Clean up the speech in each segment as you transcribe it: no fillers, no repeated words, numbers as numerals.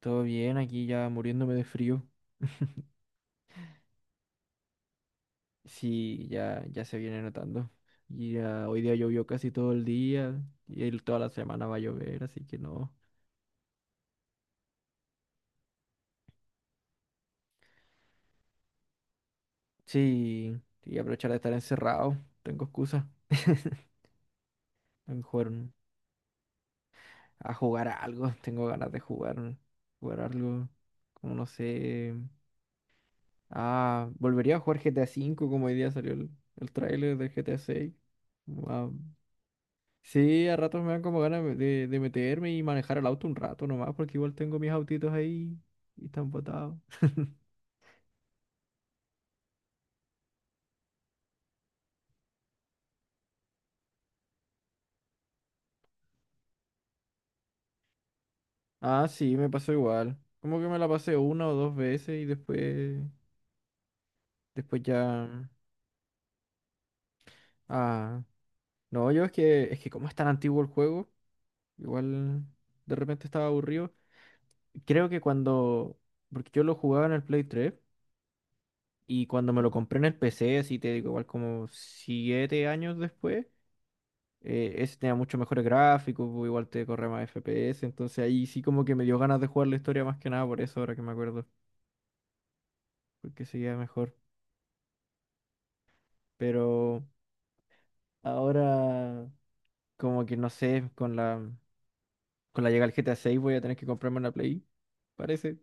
Todo bien, aquí ya muriéndome de frío. Sí, ya se viene notando. Y ya hoy día llovió casi todo el día y toda la semana va a llover, así que no. Sí, y aprovechar de estar encerrado. Tengo excusa. A lo mejor a jugar a algo. Tengo ganas de jugar. Jugar algo. Como no sé. Ah, volvería a jugar GTA V como hoy día salió el tráiler del GTA VI. Sí, a ratos me dan como ganas de meterme y manejar el auto un rato nomás, porque igual tengo mis autitos ahí y están botados. Ah, sí, me pasó igual. Como que me la pasé una o dos veces y después ya. Ah, no, yo es que como es tan antiguo el juego, igual de repente estaba aburrido. Creo que cuando, porque yo lo jugaba en el Play 3 y cuando me lo compré en el PC, así te digo, igual como 7 años después. Ese tenía mucho mejores gráficos, pues, igual te corre más FPS, entonces ahí sí como que me dio ganas de jugar la historia más que nada por eso, ahora que me acuerdo, porque seguía mejor. Pero ahora como que no sé, con la llegada del GTA 6 voy a tener que comprarme una Play, parece.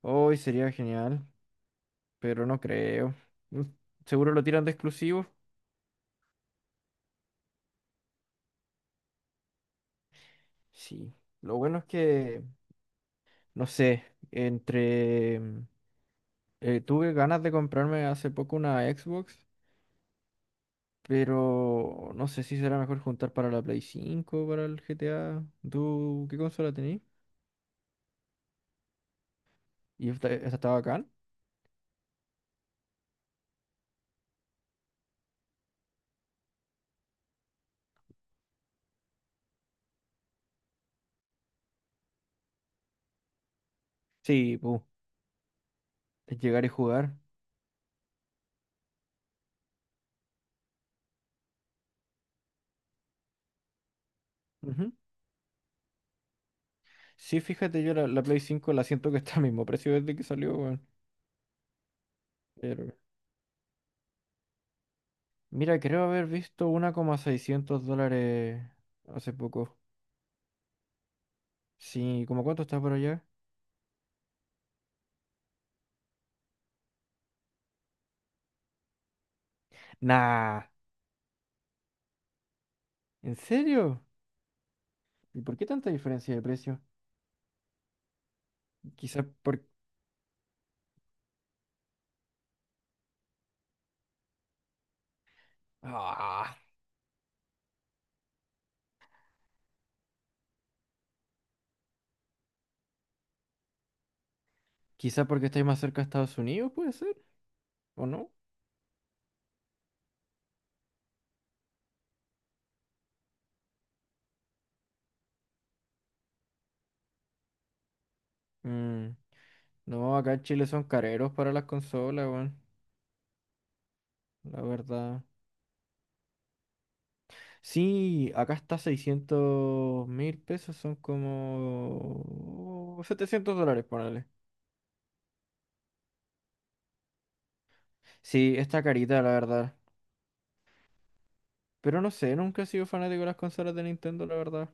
Hoy sería genial, pero no creo. Mm, Seguro lo tiran de exclusivo. Sí. Lo bueno es que no sé, entre tuve ganas de comprarme hace poco una Xbox. Pero no sé si será mejor juntar para la Play 5 o para el GTA. ¿Tú qué consola tenés? ¿Y esta está bacán? Sí, es llegar y jugar. Ujú. Sí, fíjate, yo la Play cinco la siento que está al mismo precio desde que salió, weón. Pero... Mira, creo haber visto uno coma seiscientos dólares hace poco. Sí, ¿cómo cuánto está por allá? Nah, ¿en serio? ¿Y por qué tanta diferencia de precio? Quizás por... Ah, quizás porque estáis más cerca de Estados Unidos, puede ser, ¿o no? Mm, No, acá en Chile son careros para las consolas, weón. La verdad. Sí, acá está 600.000 pesos, son como $700, ponele. Sí, está carita, la verdad. Pero no sé, nunca he sido fanático de las consolas de Nintendo, la verdad.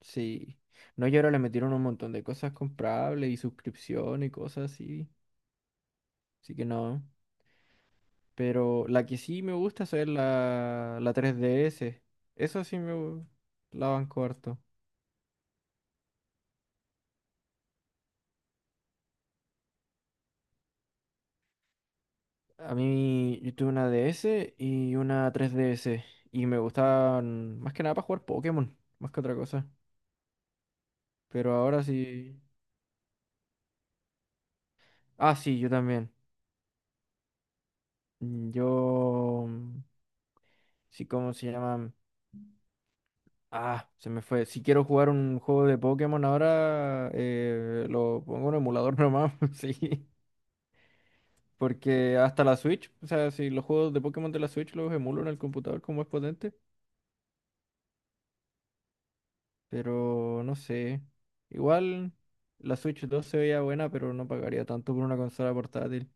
Sí. No, y ahora le metieron un montón de cosas comprables y suscripción y cosas así. Así que no. Pero la que sí me gusta es la 3DS. Eso sí la banco harto. A mí yo tuve una DS y una 3DS y me gustaban más que nada para jugar Pokémon, más que otra cosa. Pero ahora sí... Ah, sí, yo también. Mm, Yo... mm, Sí, ¿cómo se llaman? Ah, se me fue. Si quiero jugar un juego de Pokémon ahora, lo pongo en un emulador nomás, sí. Porque hasta la Switch, o sea, si los juegos de Pokémon de la Switch los emulo en el computador como es potente. Pero no sé. Igual la Switch 2 se veía buena, pero no pagaría tanto por una consola portátil.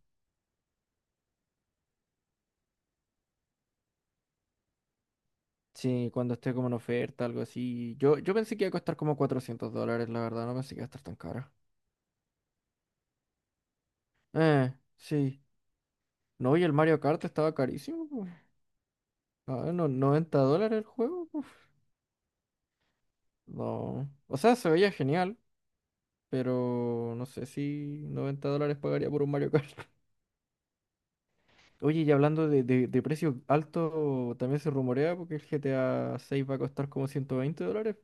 Sí, cuando esté como en oferta, algo así. Yo pensé que iba a costar como $400, la verdad. No pensé que iba a estar tan cara. Sí. No, y el Mario Kart estaba carísimo, pues. Ah, no, $90 el juego, uf. No. O sea, se veía genial, pero no sé si $90 pagaría por un Mario Kart. Oye, y hablando de precio alto, también se rumorea porque el GTA 6 va a costar como $120.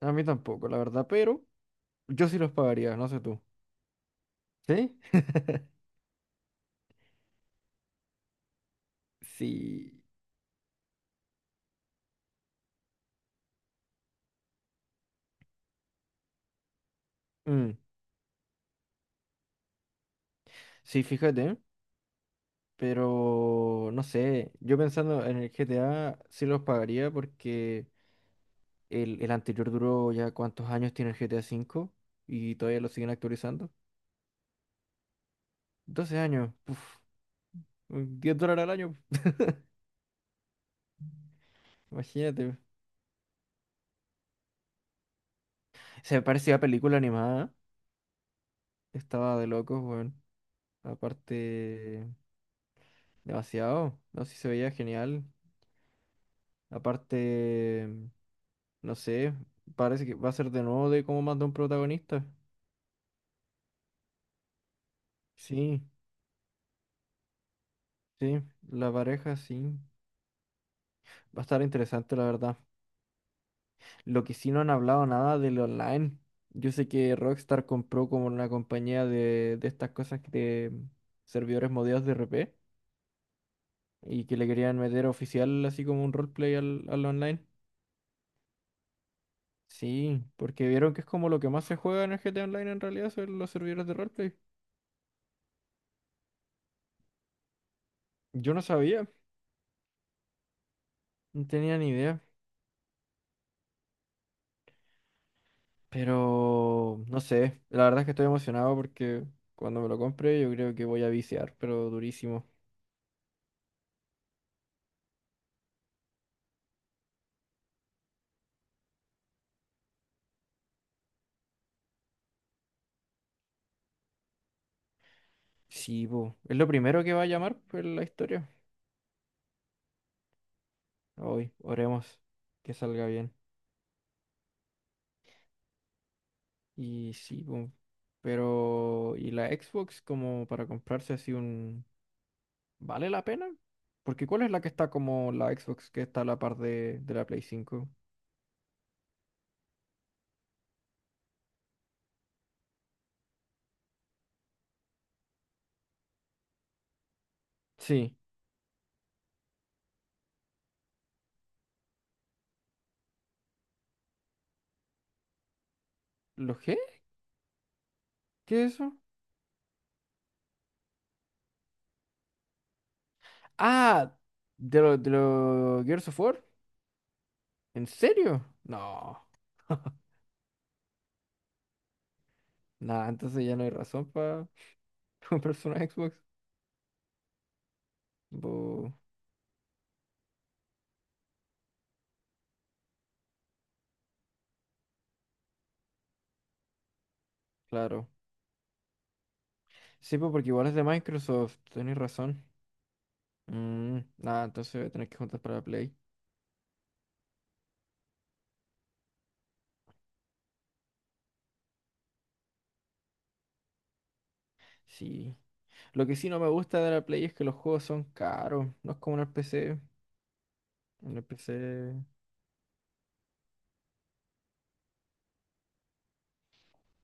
A mí tampoco, la verdad, pero yo sí los pagaría, no sé tú. ¿Sí? Sí. Mm. Sí, fíjate, pero no sé, yo pensando en el GTA sí los pagaría porque el anterior duró ya cuántos años tiene el GTA 5 y todavía lo siguen actualizando. 12 años, puf, $10 al año, imagínate. Se parece a película animada. Estaba de locos, weón. Aparte, demasiado. No sé si se veía genial. Aparte, no sé, parece que va a ser de nuevo de como más de un protagonista. Sí, sí, la pareja sí. Va a estar interesante, la verdad. Lo que sí no han hablado nada del online. Yo sé que Rockstar compró como una compañía de estas cosas que de servidores modeados de RP y que le querían meter oficial así como un roleplay al online. Sí, porque vieron que es como lo que más se juega en el GTA Online en realidad son los servidores de roleplay. Yo no sabía, no tenía ni idea, pero no sé, la verdad es que estoy emocionado porque cuando me lo compre yo creo que voy a viciar, pero durísimo. Sí, po, es lo primero que va a llamar pues, la historia. Hoy, oremos que salga bien. Y sí, po, pero ¿y la Xbox como para comprarse así un... ¿Vale la pena? Porque ¿cuál es la que está como la Xbox que está a la par de la Play cinco? Sí. ¿Lo qué? ¿Qué es eso? Ah, de los de lo Gears of War. ¿En serio? No. Nada, entonces ya no hay razón para comprarse una Xbox. Bu, claro. Sí, pues porque igual es de Microsoft, tenéis razón. Nada, entonces voy a tener que juntar para la Play. Sí. Lo que sí no me gusta de la Play es que los juegos son caros. No es como en el PC. En el PC.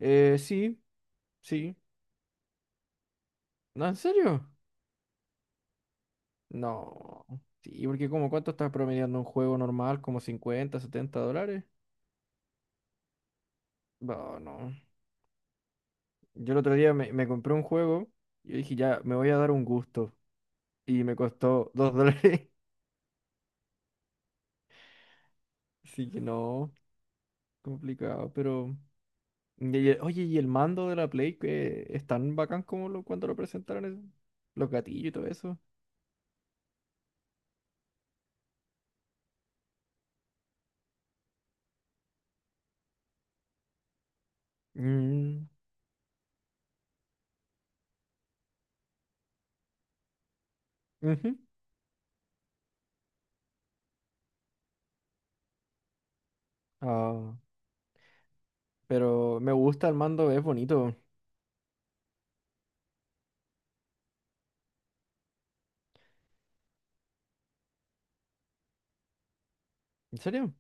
Sí, sí. ¿No, en serio? No. Sí, porque como cuánto estás promediando un juego normal, como $50, $70. No, no. Yo el otro día me compré un juego y yo dije, ya, me voy a dar un gusto. Y me costó $2. Así que no, complicado, pero... oye, ¿y el mando de la Play que es tan bacán como lo, cuando lo presentaron, eso? Los gatillos y todo eso. Mm, ujú. Ah, pero me gusta el mando, es bonito. ¿En serio?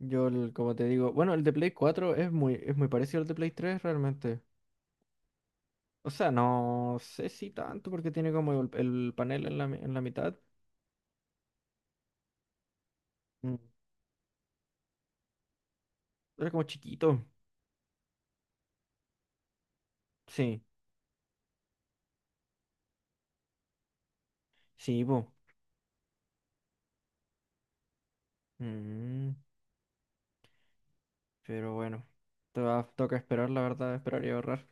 Como te digo, bueno, el de Play 4 es muy, parecido al de Play 3 realmente. O sea, no sé si tanto porque tiene como el panel en la mitad. Mm, Era como chiquito. Sí, sí, po. Mm, pero bueno, te va, toca esperar, la verdad, esperar y ahorrar.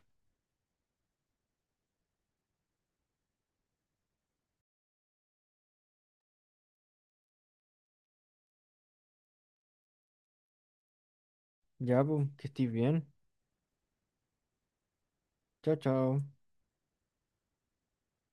Ya, pues, que estés bien. Chao, chao.